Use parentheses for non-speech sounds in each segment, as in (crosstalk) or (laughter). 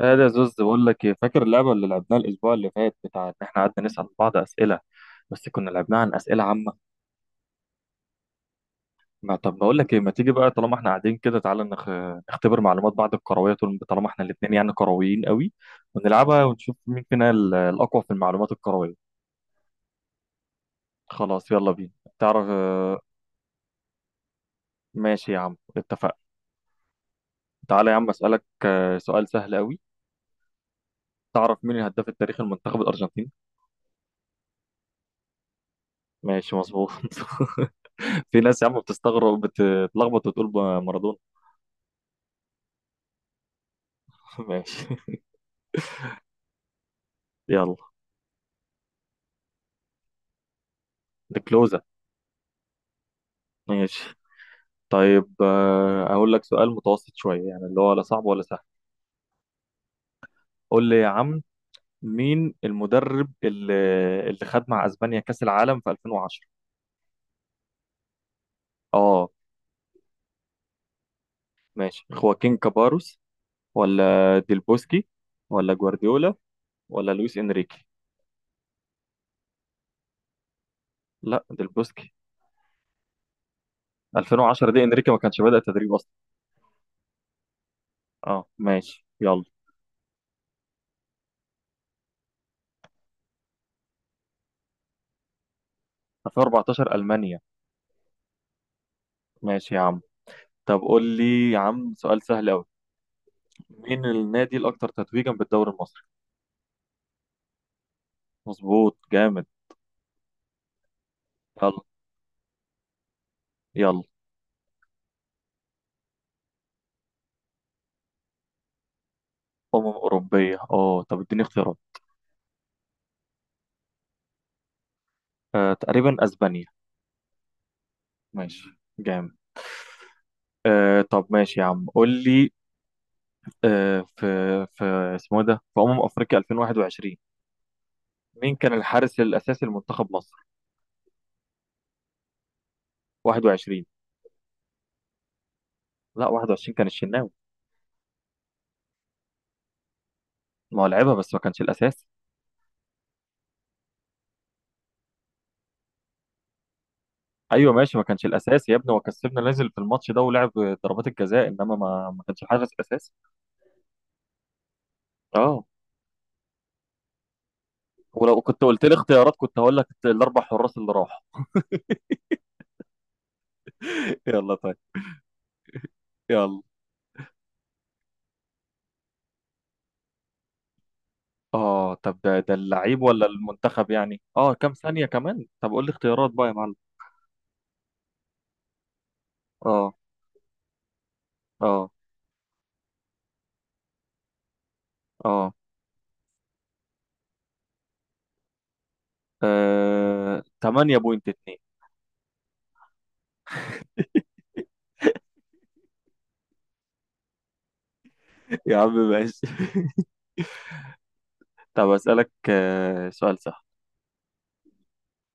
قال يا زوز، بقول لك ايه؟ فاكر اللعبه اللي لعبناها الاسبوع اللي فات بتاع ان احنا قعدنا نسال بعض اسئله؟ بس كنا لعبناها عن اسئله عامه. ما طب بقول لك ايه، ما تيجي بقى طالما احنا قاعدين كده، تعالى نختبر معلومات بعض الكرويه، طول طالما احنا الاثنين يعني كرويين قوي، ونلعبها ونشوف مين فينا الاقوى في المعلومات الكرويه. خلاص يلا بينا. تعرف. ماشي يا عم، اتفقنا. تعالى يا عم اسالك سؤال سهل قوي. تعرف مين الهداف التاريخي لمنتخب الارجنتين؟ ماشي، مظبوط. (laughs) في ناس يا عم بتستغرب بتتلخبط وتقول مارادونا. (laughs) ماشي. يلا. الكلوزة. ماشي. طيب أقول لك سؤال متوسط شوية، يعني اللي هو لا صعب ولا سهل. قول لي يا عم. مين المدرب اللي خد مع أسبانيا كأس العالم في 2010؟ اه، ماشي. خواكين كاباروس ولا ديل بوسكي ولا جوارديولا ولا لويس إنريكي؟ لا، ديل بوسكي. 2010 دي إنريكي ما كانش بدأ تدريب أصلا. اه، ماشي، يلا. 2014 ألمانيا. ماشي يا عم. طب قول لي يا عم سؤال سهل أوي. مين النادي الأكثر تتويجا بالدوري المصري؟ مظبوط، جامد. يلا. يلا. أمم أوروبية. اه طب اديني اختيارات. تقريبا أسبانيا. ماشي، جامد. طب ماشي يا عم، قول لي. آه في في اسمه إيه ده، في أمم أفريقيا 2021. مين كان الحارس الأساسي لمنتخب مصر؟ 21. لا، 21 كان الشناوي. ما هو لعبها، بس ما كانش الأساسي. أيوه ماشي. ما كانش الأساسي يا ابني، هو كسبنا نازل في الماتش ده ولعب ضربات الجزاء، إنما ما كانش حارس أساسي. اه. ولو كنت قلت لي اختيارات كنت هقول لك الأربع حراس اللي راحوا. (laughs) يلا، طيب. يلا. اه، طب ده اللعيب ولا المنتخب؟ يعني كام ثانية كمان؟ طب قول لي اختيارات بقى يا معلم. اه. اه. اه. 8.2. (laughs) يا عم ماشي. (laughs) طب أسألك سؤال سهل.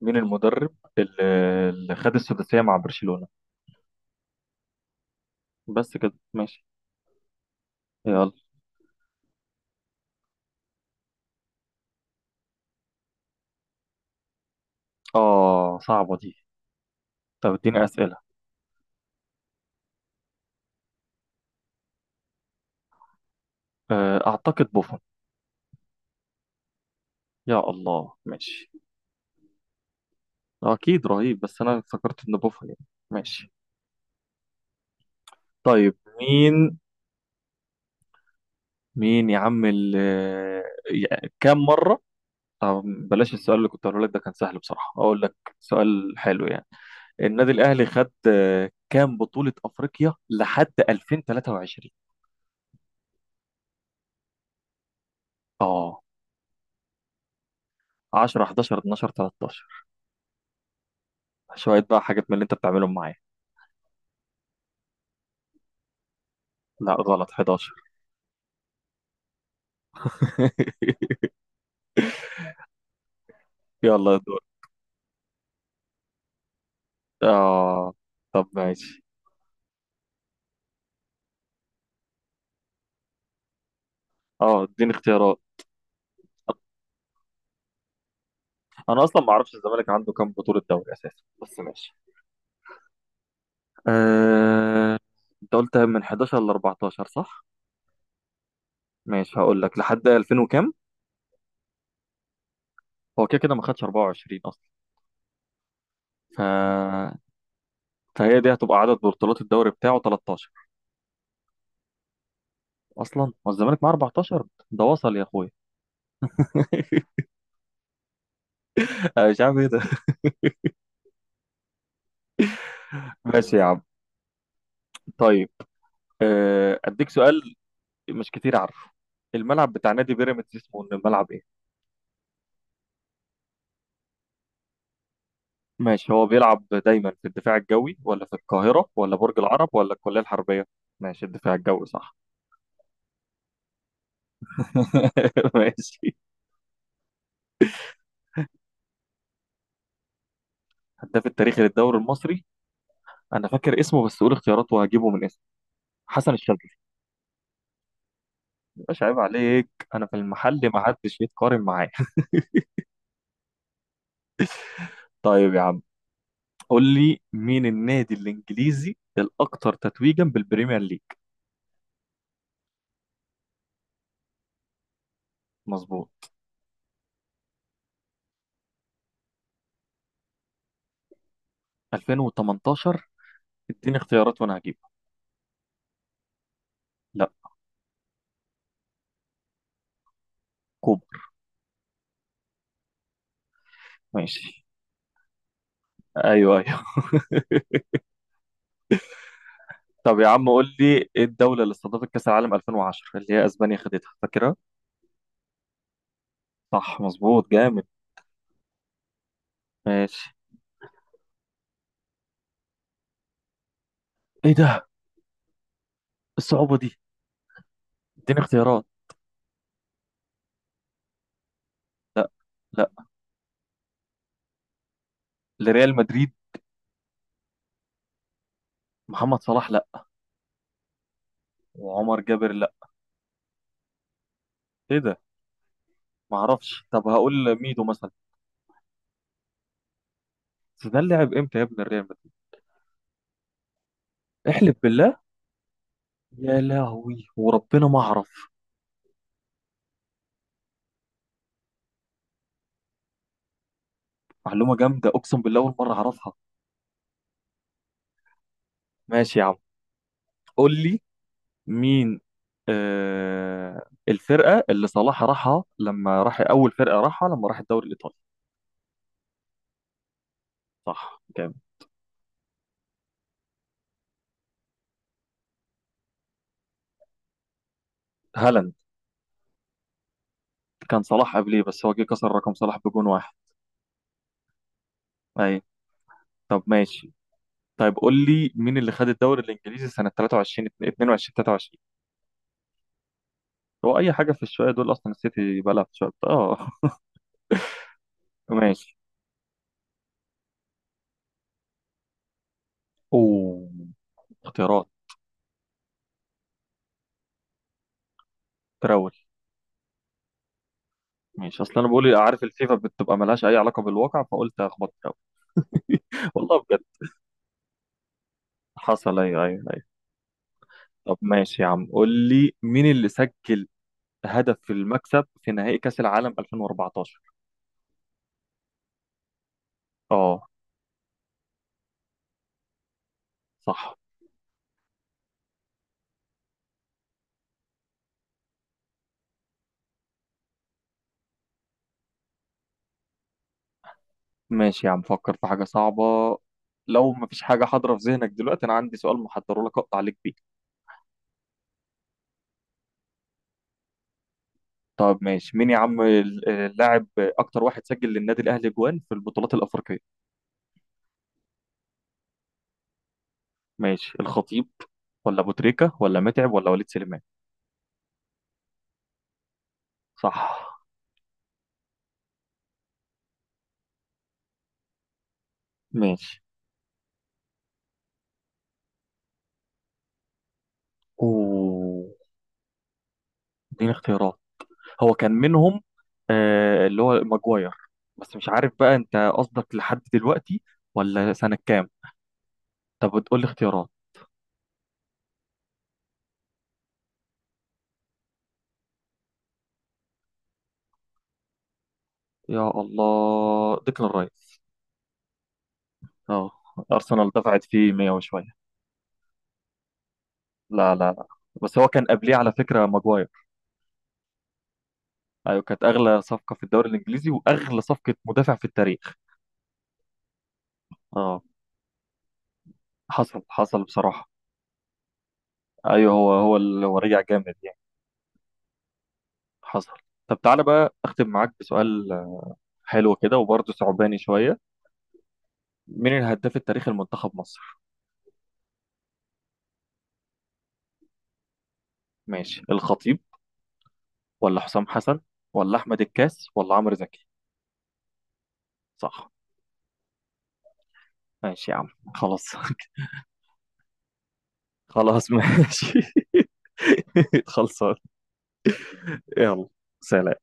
مين المدرب اللي خد السداسية مع برشلونة؟ بس كده، ماشي. يلا. اه، صعبة دي. طب اديني أسئلة. أعتقد بوفون. يا الله، ماشي. أكيد رهيب، بس أنا افتكرت إن بوفون يعني. ماشي. طيب، مين يا عم، يعني كام مرة. طب بلاش. السؤال اللي كنت هقوله لك ده كان سهل بصراحة، أقول لك سؤال حلو يعني. النادي الأهلي خد كام بطولة أفريقيا لحد 2023؟ اه. 10، 11، 12، 13؟ شوية بقى حاجات من اللي أنت بتعملهم معايا. لا، غلط، 11. (laughs) يلا يا دور. اه، طب ماشي. اه، اديني اختيارات. أنا أصلا ما أعرفش الزمالك عنده كام بطولة دوري أساسا، بس ماشي. آه... انت قلت من 11 ل 14، صح؟ ماشي، هقول لك لحد 2000 وكام؟ هو كده كده ما خدش 24 اصلا. ف... فهي دي هتبقى عدد بطولات الدوري بتاعه 13. اصلا هو الزمالك معاه 14؟ ده وصل يا اخويا! (laughs) أنا مش عارف ايه ده. ماشي يا عم. طيب، اديك سؤال مش كتير عارفه. الملعب بتاع نادي بيراميدز اسمه الملعب ايه؟ ماشي. هو بيلعب دايما في الدفاع الجوي ولا في القاهرة ولا برج العرب ولا الكلية الحربية؟ ماشي، الدفاع الجوي، صح. (laughs) ماشي. هداف التاريخي للدوري المصري؟ انا فاكر اسمه، بس قول اختياراته وهجيبه من اسمه. حسن الشاذلي. مش عيب عليك؟ انا في المحل ما حدش يتقارن معايا. (laughs) طيب يا عم، قول لي مين النادي الانجليزي الاكثر تتويجا بالبريمير ليج؟ مظبوط. 2018. اديني اختيارات وانا هجيبها. لا. كوبر. ماشي. ايوه، ايوه. (laughs) طب يا عم قول لي ايه الدوله اللي استضافت كاس العالم 2010، اللي هي اسبانيا خدتها فاكرها؟ صح، مظبوط، جامد. ماشي. ايه ده، الصعوبه دي! اديني اختيارات. لا، لريال مدريد. محمد صلاح لا، وعمر جابر لا. ايه ده، ما اعرفش. طب هقول ميدو مثلا. بس ده لعب امتى يا ابن الريال مدريد؟ احلف بالله! يا لهوي، وربنا ما اعرف. معلومه جامده، اقسم بالله اول مره اعرفها. ماشي يا عم، قول لي مين الفرقه اللي صلاح راحها لما راح، اول فرقه راحها لما راح الدوري الايطالي؟ صح، جامد. هالاند. كان صلاح قبليه، بس هو جه كسر رقم صلاح بجون واحد. ايوه. طب ماشي. طيب قول لي مين اللي خد الدوري الانجليزي سنه 23، 22 23؟ هو اي حاجه في الشويه دول اصلا، السيتي بقى لها في الشويه، اه. (laughs) ماشي. اوه، اختيارات. تراول. ماشي، اصل انا بقول عارف الفيفا بتبقى ملهاش اي علاقه بالواقع، فقلت اخبط تراول. (laughs) والله بجد. حصل. ايوه، ايوه، ايوه. طب ماشي يا عم، قول لي مين اللي سجل هدف في المكسب في نهائي كاس العالم 2014؟ اه. صح. ماشي يا عم، فكر في حاجة صعبة. لو مفيش حاجة حاضرة في ذهنك دلوقتي، أنا عندي سؤال محضره لك أقطع عليك بيه. طب ماشي، مين يا عم اللاعب أكتر واحد سجل للنادي الأهلي جوان في البطولات الأفريقية؟ ماشي، الخطيب ولا أبو تريكة ولا متعب ولا وليد سليمان؟ صح. ماشي. أوه، اديني اختيارات. هو كان منهم، اللي هو ماجواير، بس مش عارف بقى أنت قصدك لحد دلوقتي ولا سنة كام. طب بتقول لي اختيارات. يا الله، ديكلان رايس. اه. ارسنال دفعت فيه 100 وشويه. لا، لا، لا. بس هو كان قبليه على فكره ماجواير. ايوه، كانت اغلى صفقه في الدوري الانجليزي واغلى صفقه مدافع في التاريخ. اه. حصل حصل، بصراحه. ايوه، هو هو اللي هو رجع جامد يعني. حصل. طب تعالى بقى اختم معاك بسؤال حلو كده وبرضه صعباني شويه. مين الهداف التاريخي لمنتخب مصر؟ ماشي، الخطيب ولا حسام حسن ولا احمد الكاس ولا عمرو زكي؟ صح. ماشي يا عم. خلاص. (laughs) خلاص ماشي. (laughs) خلصان. يلا. سلام.